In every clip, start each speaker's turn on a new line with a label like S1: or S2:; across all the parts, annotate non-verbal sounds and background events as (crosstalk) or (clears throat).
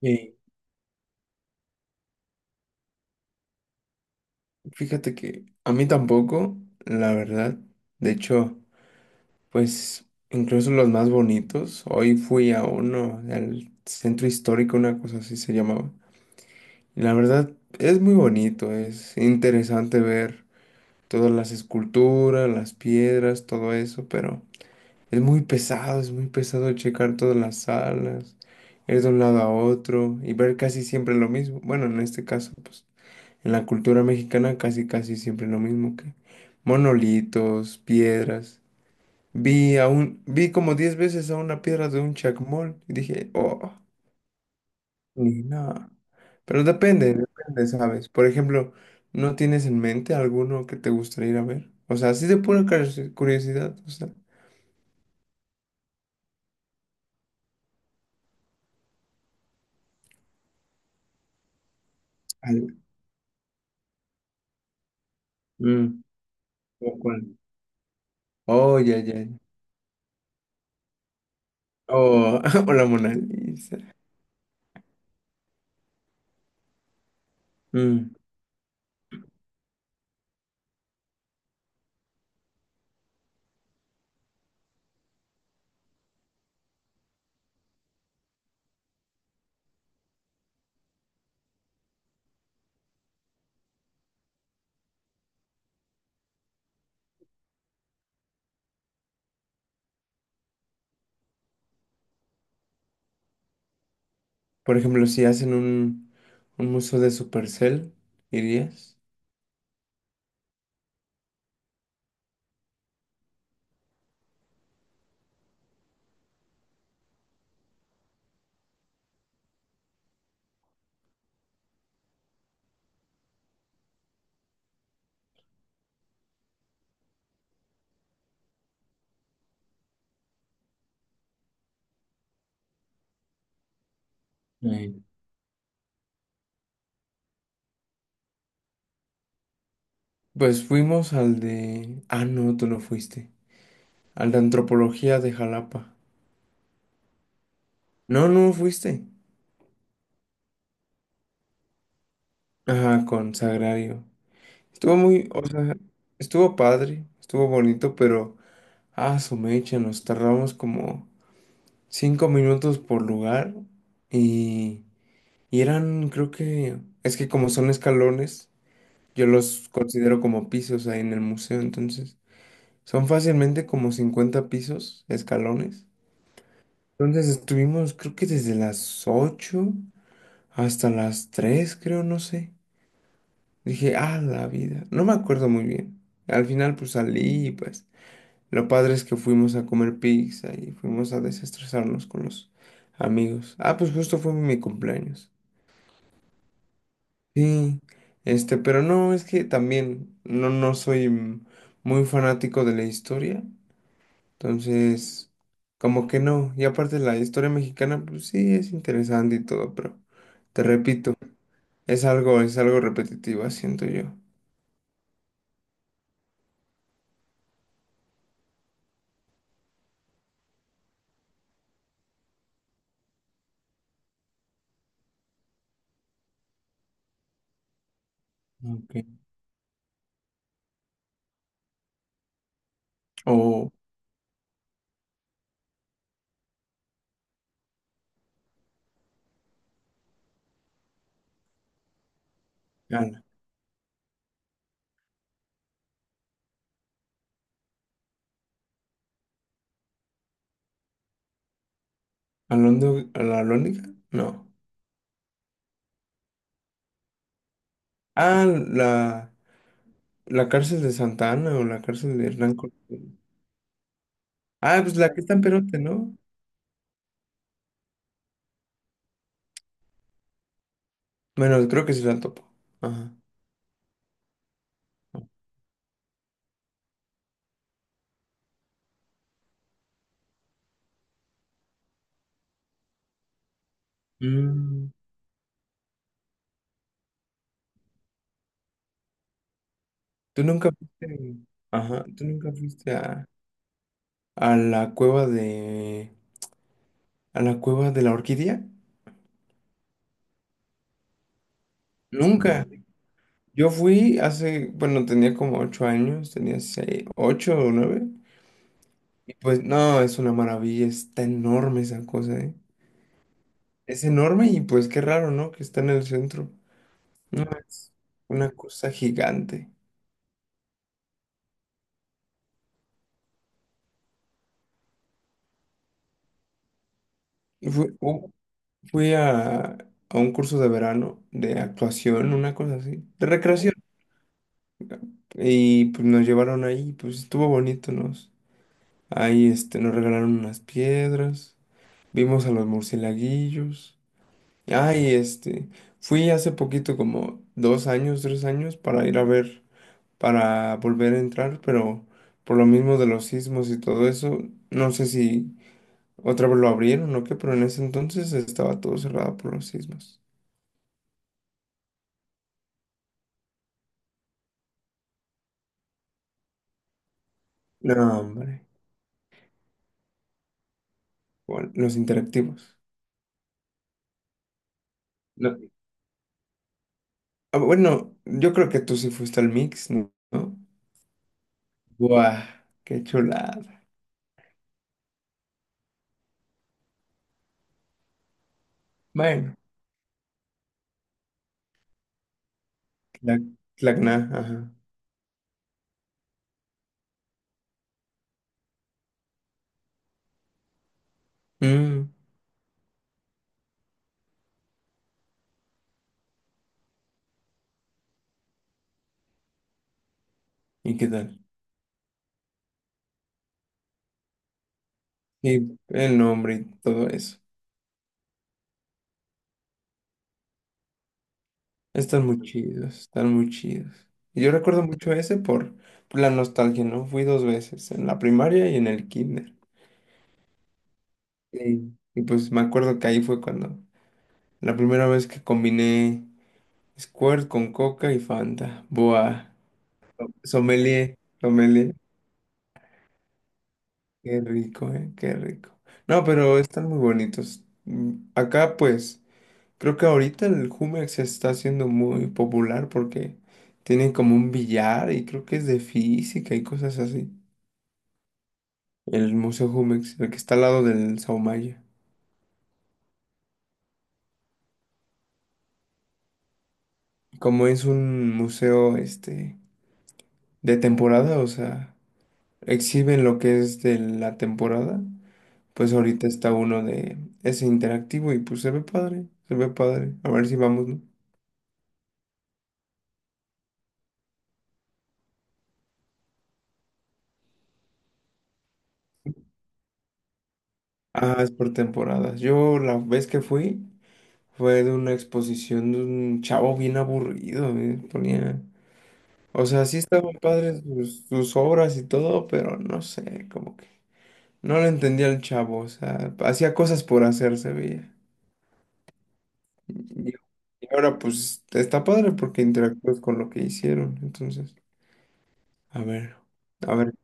S1: Y fíjate que a mí tampoco, la verdad. De hecho, pues incluso los más bonitos. Hoy fui a uno, al centro histórico, una cosa así se llamaba. Y la verdad es muy bonito, es interesante ver todas las esculturas, las piedras, todo eso, pero es muy pesado checar todas las salas, ir de un lado a otro y ver casi siempre lo mismo. Bueno, en este caso, pues. En la cultura mexicana casi casi siempre lo mismo que monolitos, piedras. Vi como 10 veces a una piedra de un chacmol y dije, oh, ni nada. Pero depende, depende, ¿sabes? Por ejemplo, ¿no tienes en mente alguno que te gustaría ir a ver? O sea, así de pura curiosidad, o sea. al- Mm, ¿O cuál? Oh, ya, ya, ya. Oh, (laughs) o la Mona Lisa. Mm, Por ejemplo, si hacen un museo de Supercell, ¿irías? Eh, Pues fuimos al de... Ah, no, tú no fuiste. Al de antropología de Jalapa. No, no fuiste. Ajá, con Sagrario. Estuvo muy, o sea, estuvo padre, estuvo bonito, pero... Ah, su mecha, nos tardamos como 5 minutos por lugar y... Y eran, creo que... Es que como son escalones, yo los considero como pisos ahí en el museo, entonces... Son fácilmente como 50 pisos, escalones. Entonces estuvimos, creo que desde las 8 hasta las 3, creo, no sé. Dije, ah, la vida. No me acuerdo muy bien. Al final, pues salí y pues lo padre es que fuimos a comer pizza y fuimos a desestresarnos con los amigos. Ah, pues justo fue mi cumpleaños. Sí, este, pero no, es que también no soy muy fanático de la historia. Entonces, como que no. Y aparte la historia mexicana, pues sí, es interesante y todo, pero te repito, es algo repetitivo, siento yo. Ok. O Ana. ¿Alondo, a la Alhóndiga? No. Ah, la cárcel de Santa Ana o la cárcel de Hernán Cortés. Ah, pues la que está en Perote, ¿no? Bueno, creo que sí la topo. Ajá. Mm, ¿Tú nunca fuiste, ajá, tú nunca fuiste a la cueva de la orquídea? Nunca. Yo fui hace, bueno, tenía como 8 años, tenía 6, 8 o 9. Y pues no, es una maravilla, está enorme esa cosa, ¿eh? Es enorme y pues qué raro, ¿no? Que está en el centro. No, es una cosa gigante. Y Fui, u- fui a un curso de verano de actuación, una cosa así, de recreación. Y pues nos llevaron ahí, pues estuvo bonito, nos. Ahí este, nos regalaron unas piedras, vimos a los murcielaguillos. Ay, este, fui hace poquito, como 2 años, 3 años, para ir a ver, para volver a entrar, pero por lo mismo de los sismos y todo eso, no sé si otra vez lo abrieron o qué, pero en ese entonces estaba todo cerrado por los sismos. No, hombre, bueno, los interactivos. No, ah, bueno, yo creo que tú sí fuiste al mix, ¿no? ¿No? Buah, qué chulada. Bueno, la, Tlac- Tacna, ajá. Mm, ¿Y qué tal? Y el nombre y todo eso. Están muy chidos, están muy chidos. Y yo recuerdo mucho ese por la nostalgia, ¿no? Fui dos veces, en la primaria y en el kinder. Sí. Y pues me acuerdo que ahí fue cuando la primera vez que combiné Squirt con Coca y Fanta. Buah, sommelier, sommelier. Qué rico, ¿eh? Qué rico. No, pero están muy bonitos. Acá pues... Creo que ahorita el Jumex se está haciendo muy popular porque tienen como un billar y creo que es de física y cosas así. El Museo Jumex, el que está al lado del Saumaya. Como es un museo este de temporada, o sea, exhiben lo que es de la temporada, pues ahorita está uno de ese interactivo y pues se ve padre, se ve padre. A ver si vamos, ¿no? Ah, es por temporadas. Yo la vez que fui fue de una exposición de un chavo bien aburrido, ponía. O sea, sí estaban padres sus obras y todo, pero no sé, como que no le entendía al chavo, o sea, hacía cosas por hacer, se veía. Y, y ahora pues está padre porque interactúas con lo que hicieron, entonces, a ver, a ver,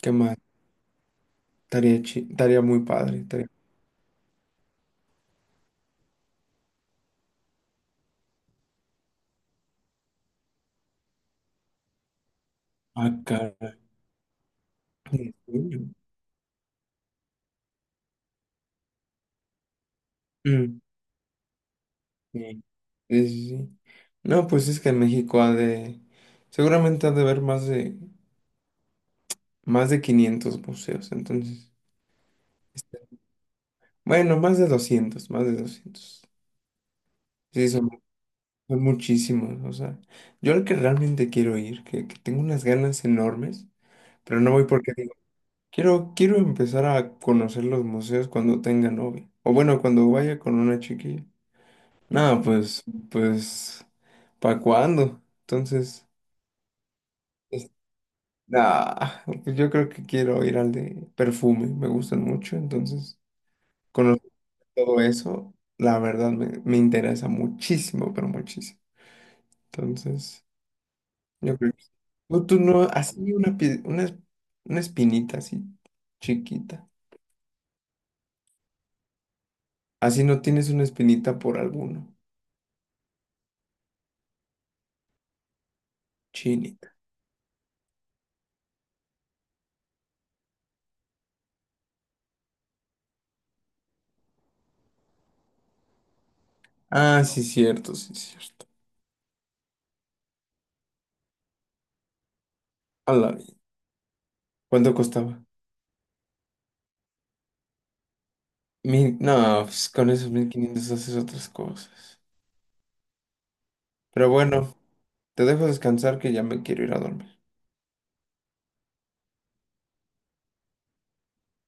S1: ¿qué más? Estaría muy padre, estaría... Ah, caray. (clears throat) Sí, sí, sí, sí. No, pues es que en México ha de, seguramente ha de haber más de 500 museos, entonces, este, bueno, más de doscientos. Sí, son muchísimos, o sea, yo al que realmente quiero ir, que tengo unas ganas enormes, pero no voy porque digo, quiero empezar a conocer los museos cuando tenga novia, o bueno, cuando vaya con una chiquilla. No, pues, ¿para cuándo? Entonces... Nah, pues yo creo que quiero ir al de perfume, me gustan mucho, entonces conocer todo eso, la verdad me interesa muchísimo, pero muchísimo. Entonces, yo creo que... sí. No, tú no, así una, pi- una, es- una espinita así, chiquita. Así no tienes una espinita por alguno, chinita. Ah, sí, cierto, sí, cierto. A la vi- ¿Cuánto costaba? No, pues con esos 1,500 haces otras cosas. Pero bueno, te dejo descansar que ya me quiero ir a dormir.